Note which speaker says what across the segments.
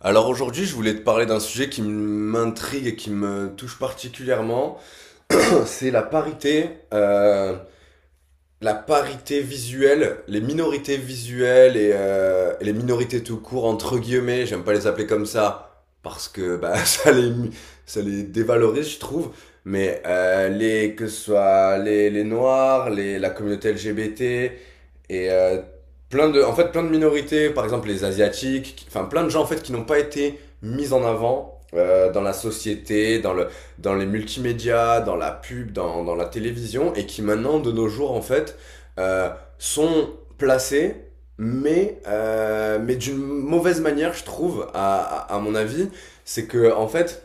Speaker 1: Alors aujourd'hui, je voulais te parler d'un sujet qui m'intrigue et qui me touche particulièrement. C'est euh, la parité visuelle, les minorités visuelles et les minorités tout court entre guillemets. J'aime pas les appeler comme ça parce que bah, ça les dévalorise, je trouve. Mais les que ce soit les noirs, les la communauté LGBT, et euh, plein en fait, plein de minorités, par exemple les asiatiques, enfin plein de gens en fait qui n'ont pas été mis en avant dans la société, dans les multimédias, dans la pub, dans la télévision, et qui maintenant de nos jours en fait euh, sont placés, mais mais d'une mauvaise manière, je trouve, à mon avis, c'est que en fait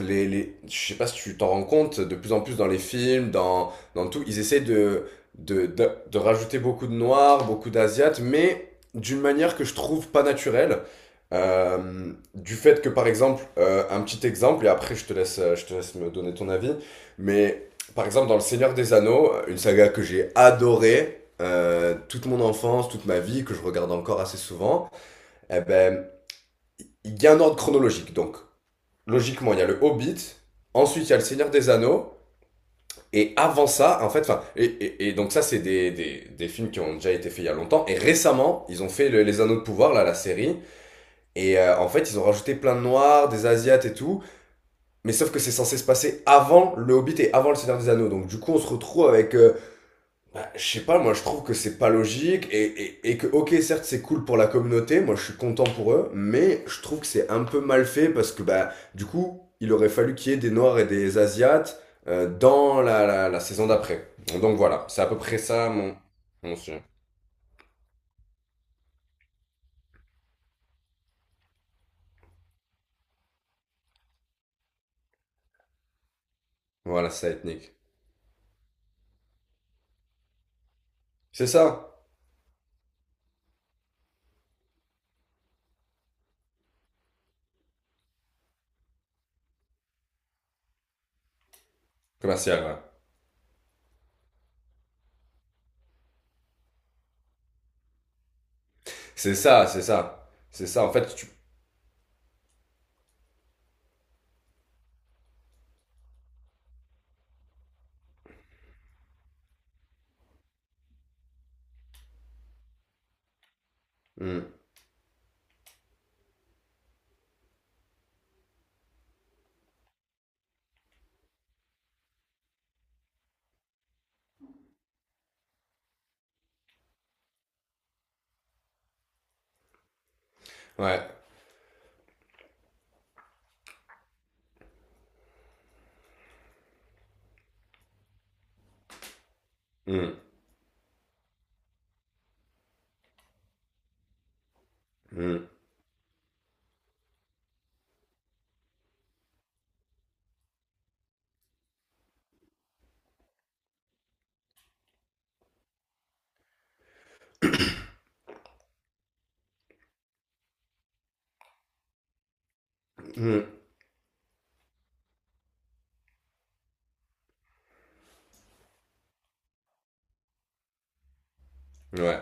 Speaker 1: je sais pas si tu t'en rends compte, de plus en plus dans les films, dans tout, ils essaient de rajouter beaucoup de noirs, beaucoup d'asiates, mais d'une manière que je trouve pas naturelle. Du fait que, par exemple, un petit exemple, et après je te laisse me donner ton avis, mais par exemple, dans Le Seigneur des Anneaux, une saga que j'ai adorée, toute mon enfance, toute ma vie, que je regarde encore assez souvent, eh ben, il y a un ordre chronologique. Donc, logiquement, il y a le Hobbit, ensuite il y a le Seigneur des Anneaux, et avant ça, en fait, enfin, et donc ça, c'est des films qui ont déjà été faits il y a longtemps, et récemment, ils ont fait Les Anneaux de Pouvoir, là, la série, en fait, ils ont rajouté plein de noirs, des asiates et tout, mais sauf que c'est censé se passer avant le Hobbit et avant le Seigneur des Anneaux, donc du coup, on se retrouve avec bah, je sais pas, moi je trouve que c'est pas logique et que, ok, certes c'est cool pour la communauté, moi je suis content pour eux, mais je trouve que c'est un peu mal fait parce que bah, du coup, il aurait fallu qu'il y ait des Noirs et des Asiates dans la saison d'après. Donc voilà, c'est à peu près ça mon sujet. Voilà, c'est ça, ethnique. C'est ça, commercial, ouais. C'est ça, c'est ça. C'est ça, en fait, tu. Hmm. Ouais. Hmm. Hmm. Hmm. Ouais.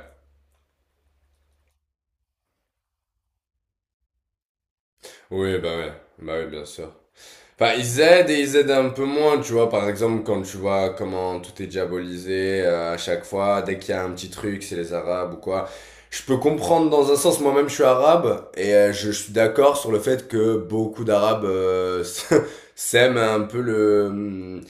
Speaker 1: Oui, bah ouais. Bah oui, bien sûr. Enfin, ils aident et ils aident un peu moins, tu vois. Par exemple, quand tu vois comment tout est diabolisé à chaque fois, dès qu'il y a un petit truc, c'est les Arabes ou quoi. Je peux comprendre dans un sens, moi-même je suis arabe, et je suis d'accord sur le fait que beaucoup d'Arabes s'aiment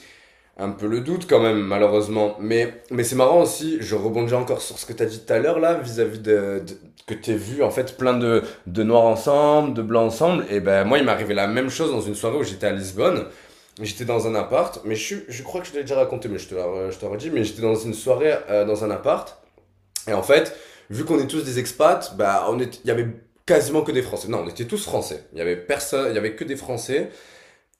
Speaker 1: un peu le doute quand même, malheureusement. Mais c'est marrant aussi, je rebondis encore sur ce que t'as dit tout à l'heure là, vis-à-vis que t'es vu en fait plein de noirs ensemble, de blancs ensemble. Et ben moi, il m'est arrivé la même chose dans une soirée où j'étais à Lisbonne. J'étais dans un appart, mais je crois que je te l'ai déjà raconté, mais je te redis, mais j'étais dans une soirée dans un appart. Et en fait, vu qu'on est tous des expats, bah il y avait quasiment que des Français. Non, on était tous Français. Il y avait personne, il y avait que des Français.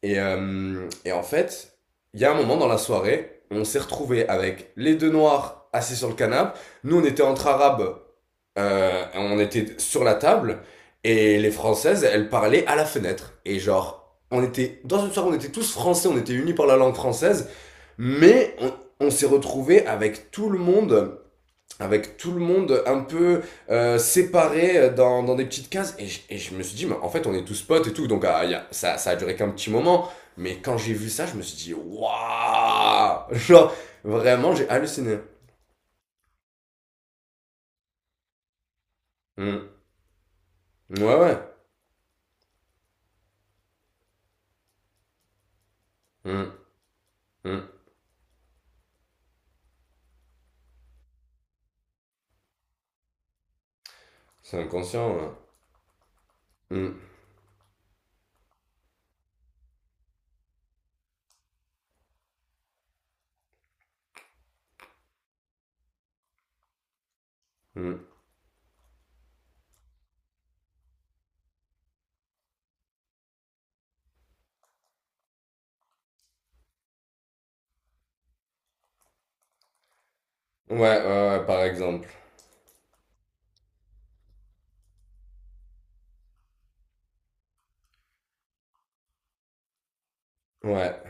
Speaker 1: Et en fait, il y a un moment dans la soirée, on s'est retrouvé avec les deux noirs assis sur le canapé. Nous, on était entre arabes, on était sur la table, et les françaises, elles parlaient à la fenêtre. Et genre, on était dans une soirée, on était tous français, on était unis par la langue française, mais on s'est retrouvé avec tout le monde un peu séparé dans des petites cases. Et je me suis dit, mais en fait, on est tous potes et tout. Donc, ah, ça, ça a duré qu'un petit moment. Mais quand j'ai vu ça, je me suis dit, waouh! Genre, vraiment, j'ai halluciné. Hmm. Ouais, ouais. Hmm. Hmm. C'est inconscient. Ouais. Hmm. Hmm. Ouais, ouais, ouais, par exemple. Ouais.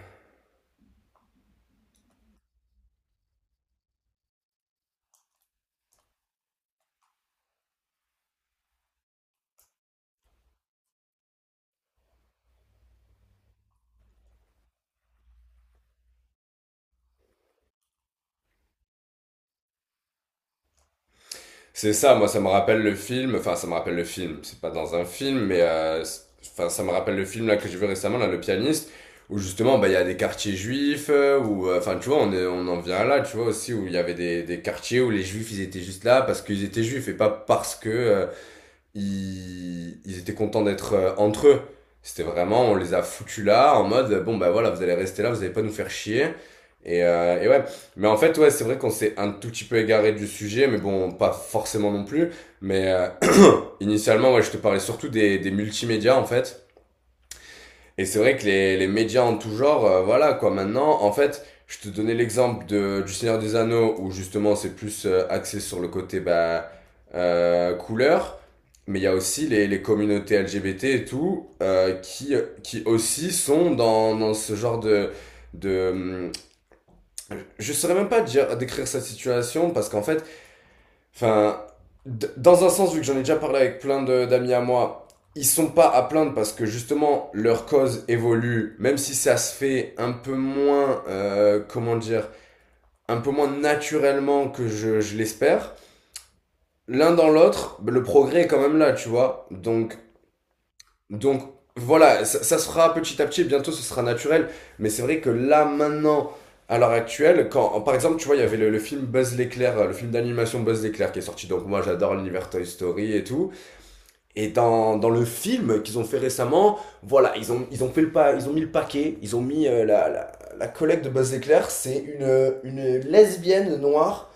Speaker 1: C'est ça, moi ça me rappelle le film, enfin ça me rappelle le film, c'est pas dans un film, mais enfin ça me rappelle le film là que j'ai vu récemment, là, le pianiste, où justement bah il y a des quartiers juifs, où enfin tu vois on en vient là, tu vois aussi où il y avait des quartiers où les juifs ils étaient juste là parce qu'ils étaient juifs et pas parce que ils étaient contents d'être entre eux. C'était vraiment, on les a foutus là, en mode, bon, bah voilà, vous allez rester là, vous allez pas nous faire chier. Et ouais, mais en fait, ouais, c'est vrai qu'on s'est un tout petit peu égaré du sujet, mais bon, pas forcément non plus. Mais initialement, ouais, je te parlais surtout des multimédias, en fait. Et c'est vrai que les médias en tout genre, voilà quoi, maintenant, en fait, je te donnais l'exemple du Seigneur des Anneaux, où justement c'est plus axé sur le côté couleur, mais il y a aussi les communautés LGBT et tout, qui aussi sont dans ce genre de... de hum, je saurais même pas dire, décrire sa situation, parce qu'en fait, Enfin, dans un sens, vu que j'en ai déjà parlé avec plein d'amis à moi, ils sont pas à plaindre parce que justement leur cause évolue, même si ça se fait un peu moins, comment dire, un peu moins naturellement que je l'espère. L'un dans l'autre, le progrès est quand même là, tu vois. Donc voilà, ça se fera petit à petit, et bientôt ce sera naturel. Mais c'est vrai que là, maintenant, à l'heure actuelle, quand, par exemple, tu vois, il y avait le film Buzz l'éclair, le film d'animation Buzz l'éclair qui est sorti. Donc moi, j'adore l'univers Toy Story et tout. Et dans le film qu'ils ont fait récemment, voilà, ils ont fait le pas, ils ont mis le paquet, ils ont mis la collègue de Buzz l'éclair, c'est une lesbienne noire.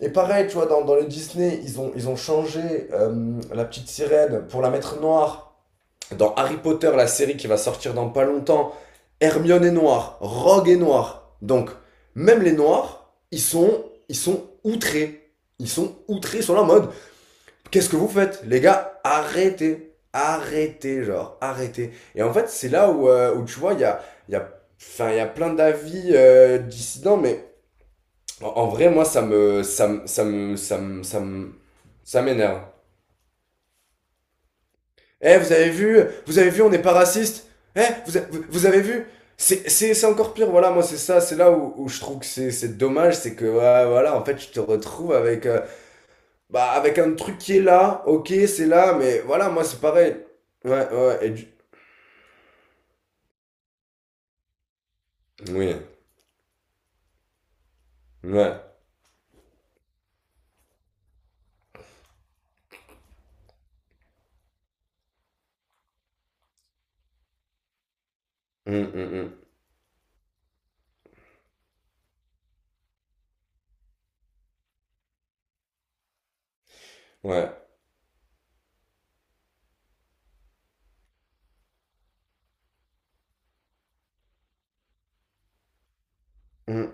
Speaker 1: Et pareil, tu vois, dans le Disney, ils ont changé la petite sirène pour la mettre noire dans Harry Potter, la série qui va sortir dans pas longtemps, Hermione est noire, Rogue est noire. Donc, même les noirs, ils sont outrés. Ils sont outrés, ils sont là en mode, qu'est-ce que vous faites les gars, arrêtez. Arrêtez, genre, arrêtez. Et en fait, c'est là où tu vois, il y, a, enfin, il y a plein d'avis dissidents, mais en vrai, moi, ça me, ça me, ça me, ça me, ça me- ça m'énerve. Eh, vous avez vu, on n'est pas raciste. Eh, vous avez vu. C'est encore pire, voilà, moi c'est ça, c'est là où je trouve que c'est dommage, c'est que ouais, voilà, en fait, tu te retrouves avec un truc qui est là, ok, c'est là, mais voilà, moi c'est pareil. Ouais, ouais, ouais, Oui, ouais. Hum, hum, hum. Ouais. Hum,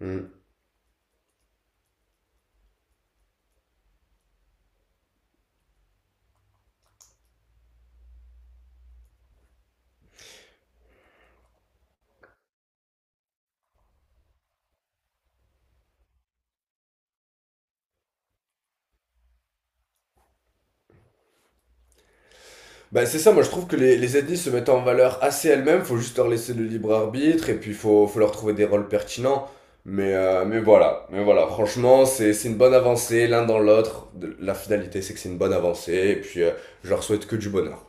Speaker 1: hum. Bah, c'est ça, moi je trouve que les ethnies se mettent en valeur assez elles-mêmes, faut juste leur laisser le libre arbitre et puis faut leur trouver des rôles pertinents. Mais voilà, franchement, c'est une bonne avancée l'un dans l'autre. La finalité, c'est que c'est une bonne avancée et puis je leur souhaite que du bonheur.